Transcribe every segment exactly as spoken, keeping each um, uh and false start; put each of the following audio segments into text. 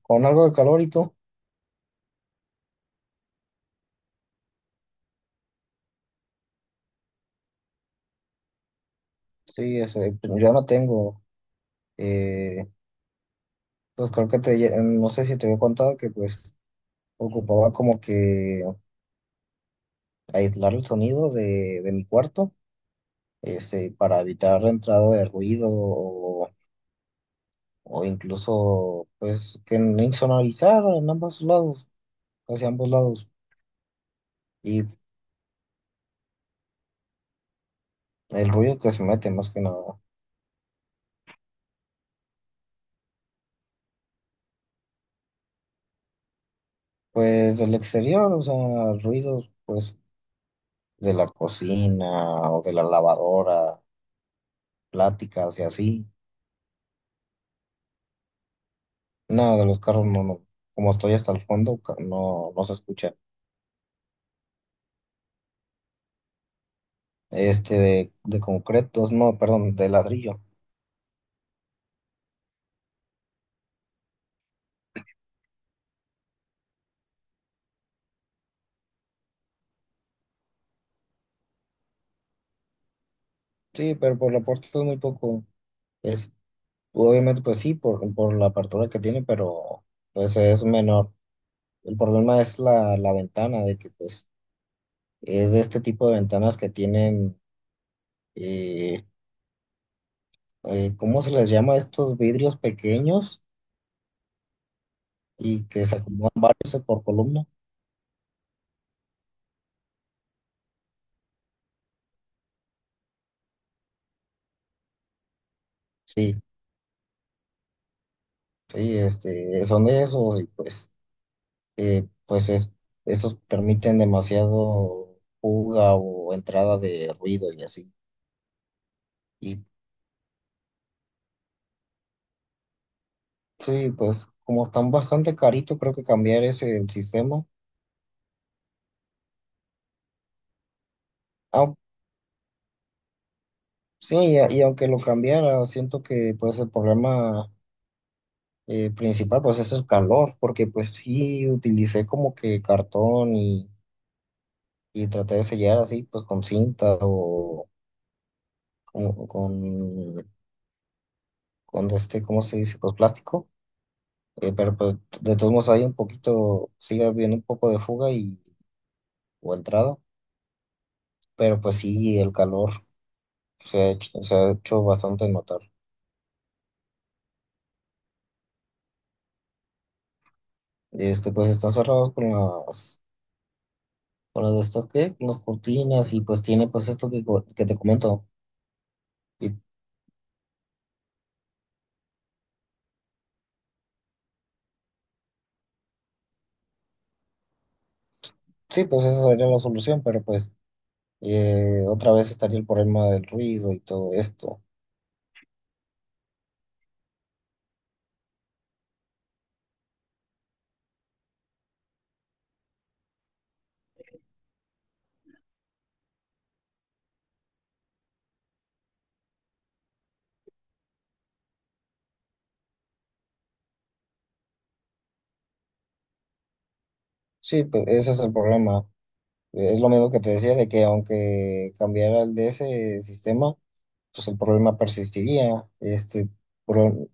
Con algo de calor, ¿y tú? Sí, ese, pues, yo no tengo, eh, pues creo que te, no sé si te había contado que pues ocupaba como que aislar el sonido de, de mi cuarto, este, para evitar la entrada de ruido o, o incluso pues que no, insonorizar en ambos lados, hacia ambos lados, y el ruido que se mete más que nada, pues del exterior, o sea, ruidos pues de la cocina o de la lavadora, pláticas y así. No, de los carros no, no. Como estoy hasta el fondo, ca- no, no se escucha. Este de, de concretos, no, perdón, de ladrillo. Sí, pero por la puerta es muy poco. Es, obviamente, pues sí, por, por la apertura que tiene, pero pues es menor. El problema es la, la ventana, de que pues es de este tipo de ventanas que tienen, eh, eh, ¿cómo se les llama? Estos vidrios pequeños y que se acomodan varios por columna. Sí. Sí, este, son esos y pues, eh, pues es, estos permiten demasiado fuga o entrada de ruido y así. Y sí, pues como están bastante caritos, creo que cambiar ese el sistema. Au- sí, y, a- y aunque lo cambiara, siento que pues el problema, eh, principal, pues es el calor, porque pues sí utilicé como que cartón y, y traté de sellar así pues con cinta o con, con, con este, ¿cómo se dice? Pues plástico. Eh, pero pues, de todos modos hay un poquito, sigue habiendo un poco de fuga y, o entrada, pero pues sí, el calor se ha hecho, se ha hecho bastante notar. Este, pues están cerrados con las, con las de estas, ¿qué? Con las cortinas y pues tiene pues esto que, co- que te comento. Y sí, pues esa sería la solución, pero pues eh, otra vez estaría el problema del ruido y todo esto. Sí, pues ese es el problema. Es lo mismo que te decía de que aunque cambiara el de ese sistema, pues el problema persistiría. Este, pro-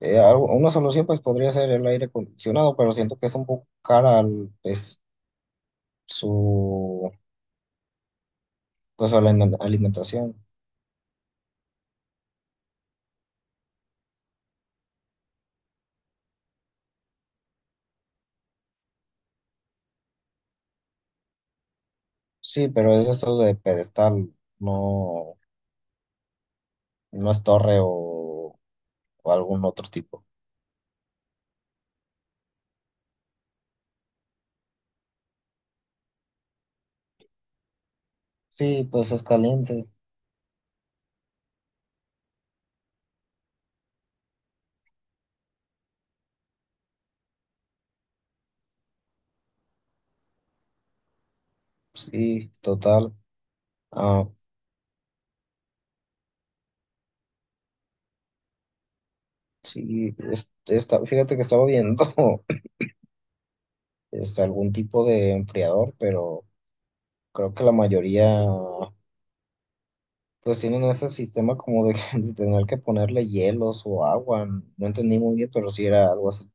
eh, algo- una solución pues podría ser el aire acondicionado, pero siento que es un poco cara al, pues, su, pues, a la alimen- alimentación. Sí, pero es esto de pedestal, no, no es torre o, o algún otro tipo. Sí, pues es caliente, sí, total. Ah, sí, es- está- fíjate que estaba viendo. Este, algún tipo de enfriador, pero creo que la mayoría pues tienen ese sistema como de, de tener que ponerle hielos o agua. No entendí muy bien, pero sí era algo así.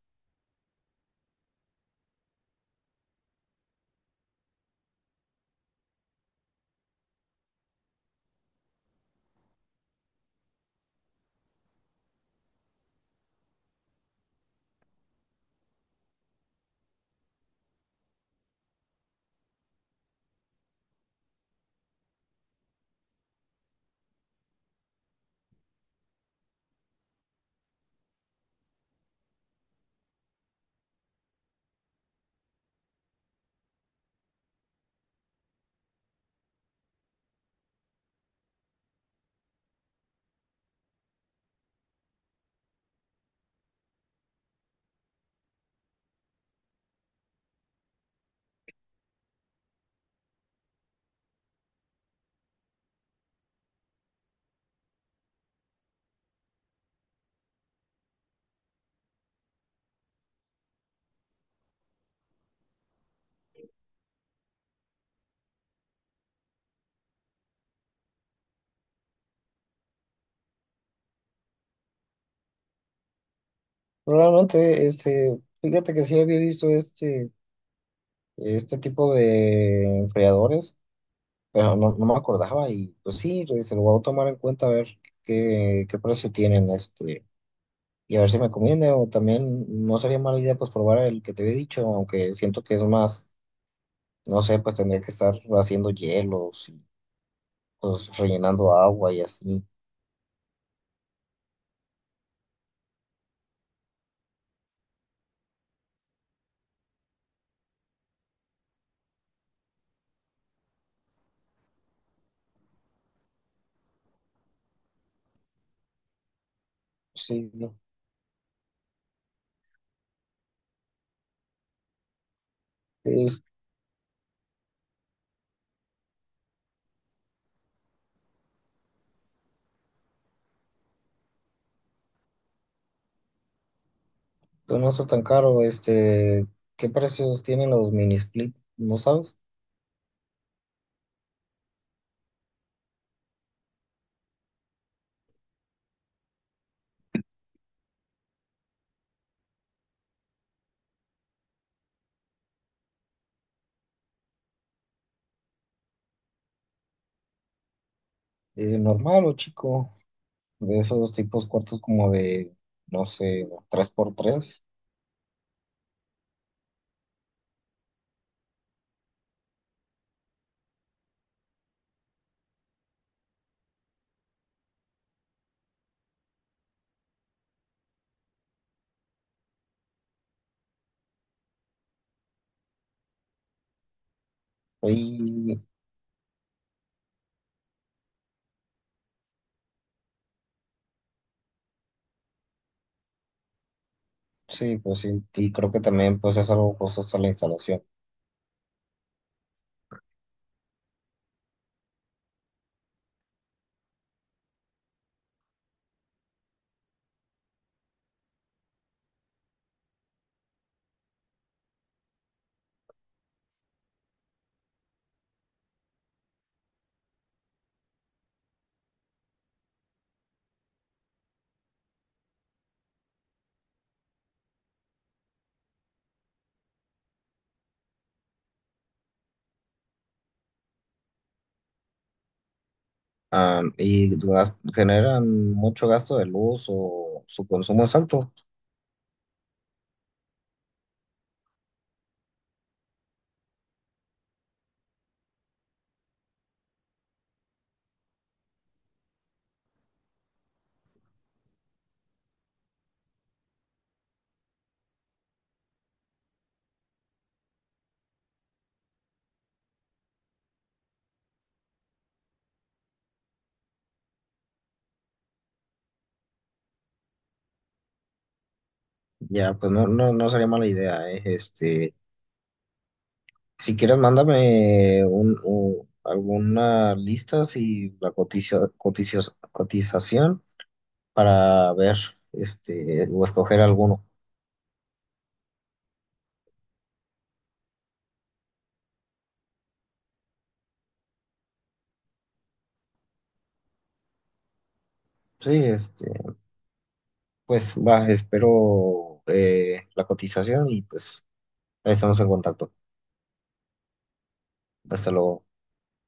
Probablemente, este, fíjate que sí había visto este, este tipo de enfriadores, pero no, no me acordaba y pues sí, pues, se lo voy a tomar en cuenta a ver qué, qué precio tienen este. Y a ver si me conviene o también no sería mala idea pues probar el que te había dicho, aunque siento que es más. No sé, pues tendría que estar haciendo hielos y pues rellenando agua y así. Sí, no. Es- pues, no está tan caro. Este, ¿qué precios tienen los mini split? ¿No sabes? Eh, normal o chico, de esos tipos cuartos como de, no sé, tres por tres. Y sí, pues sí, y creo que también pues es algo costosa la instalación. Ah, y gas- generan mucho gasto de luz o su consumo es alto. Ya, pues no, no, no sería mala idea, eh. Este, si quieres, mándame un, u- alguna lista y la cotiza- cotizas- cotización para ver este, o escoger alguno. Sí, este, pues va, espero eh, la cotización y pues ahí estamos en contacto. Hasta luego.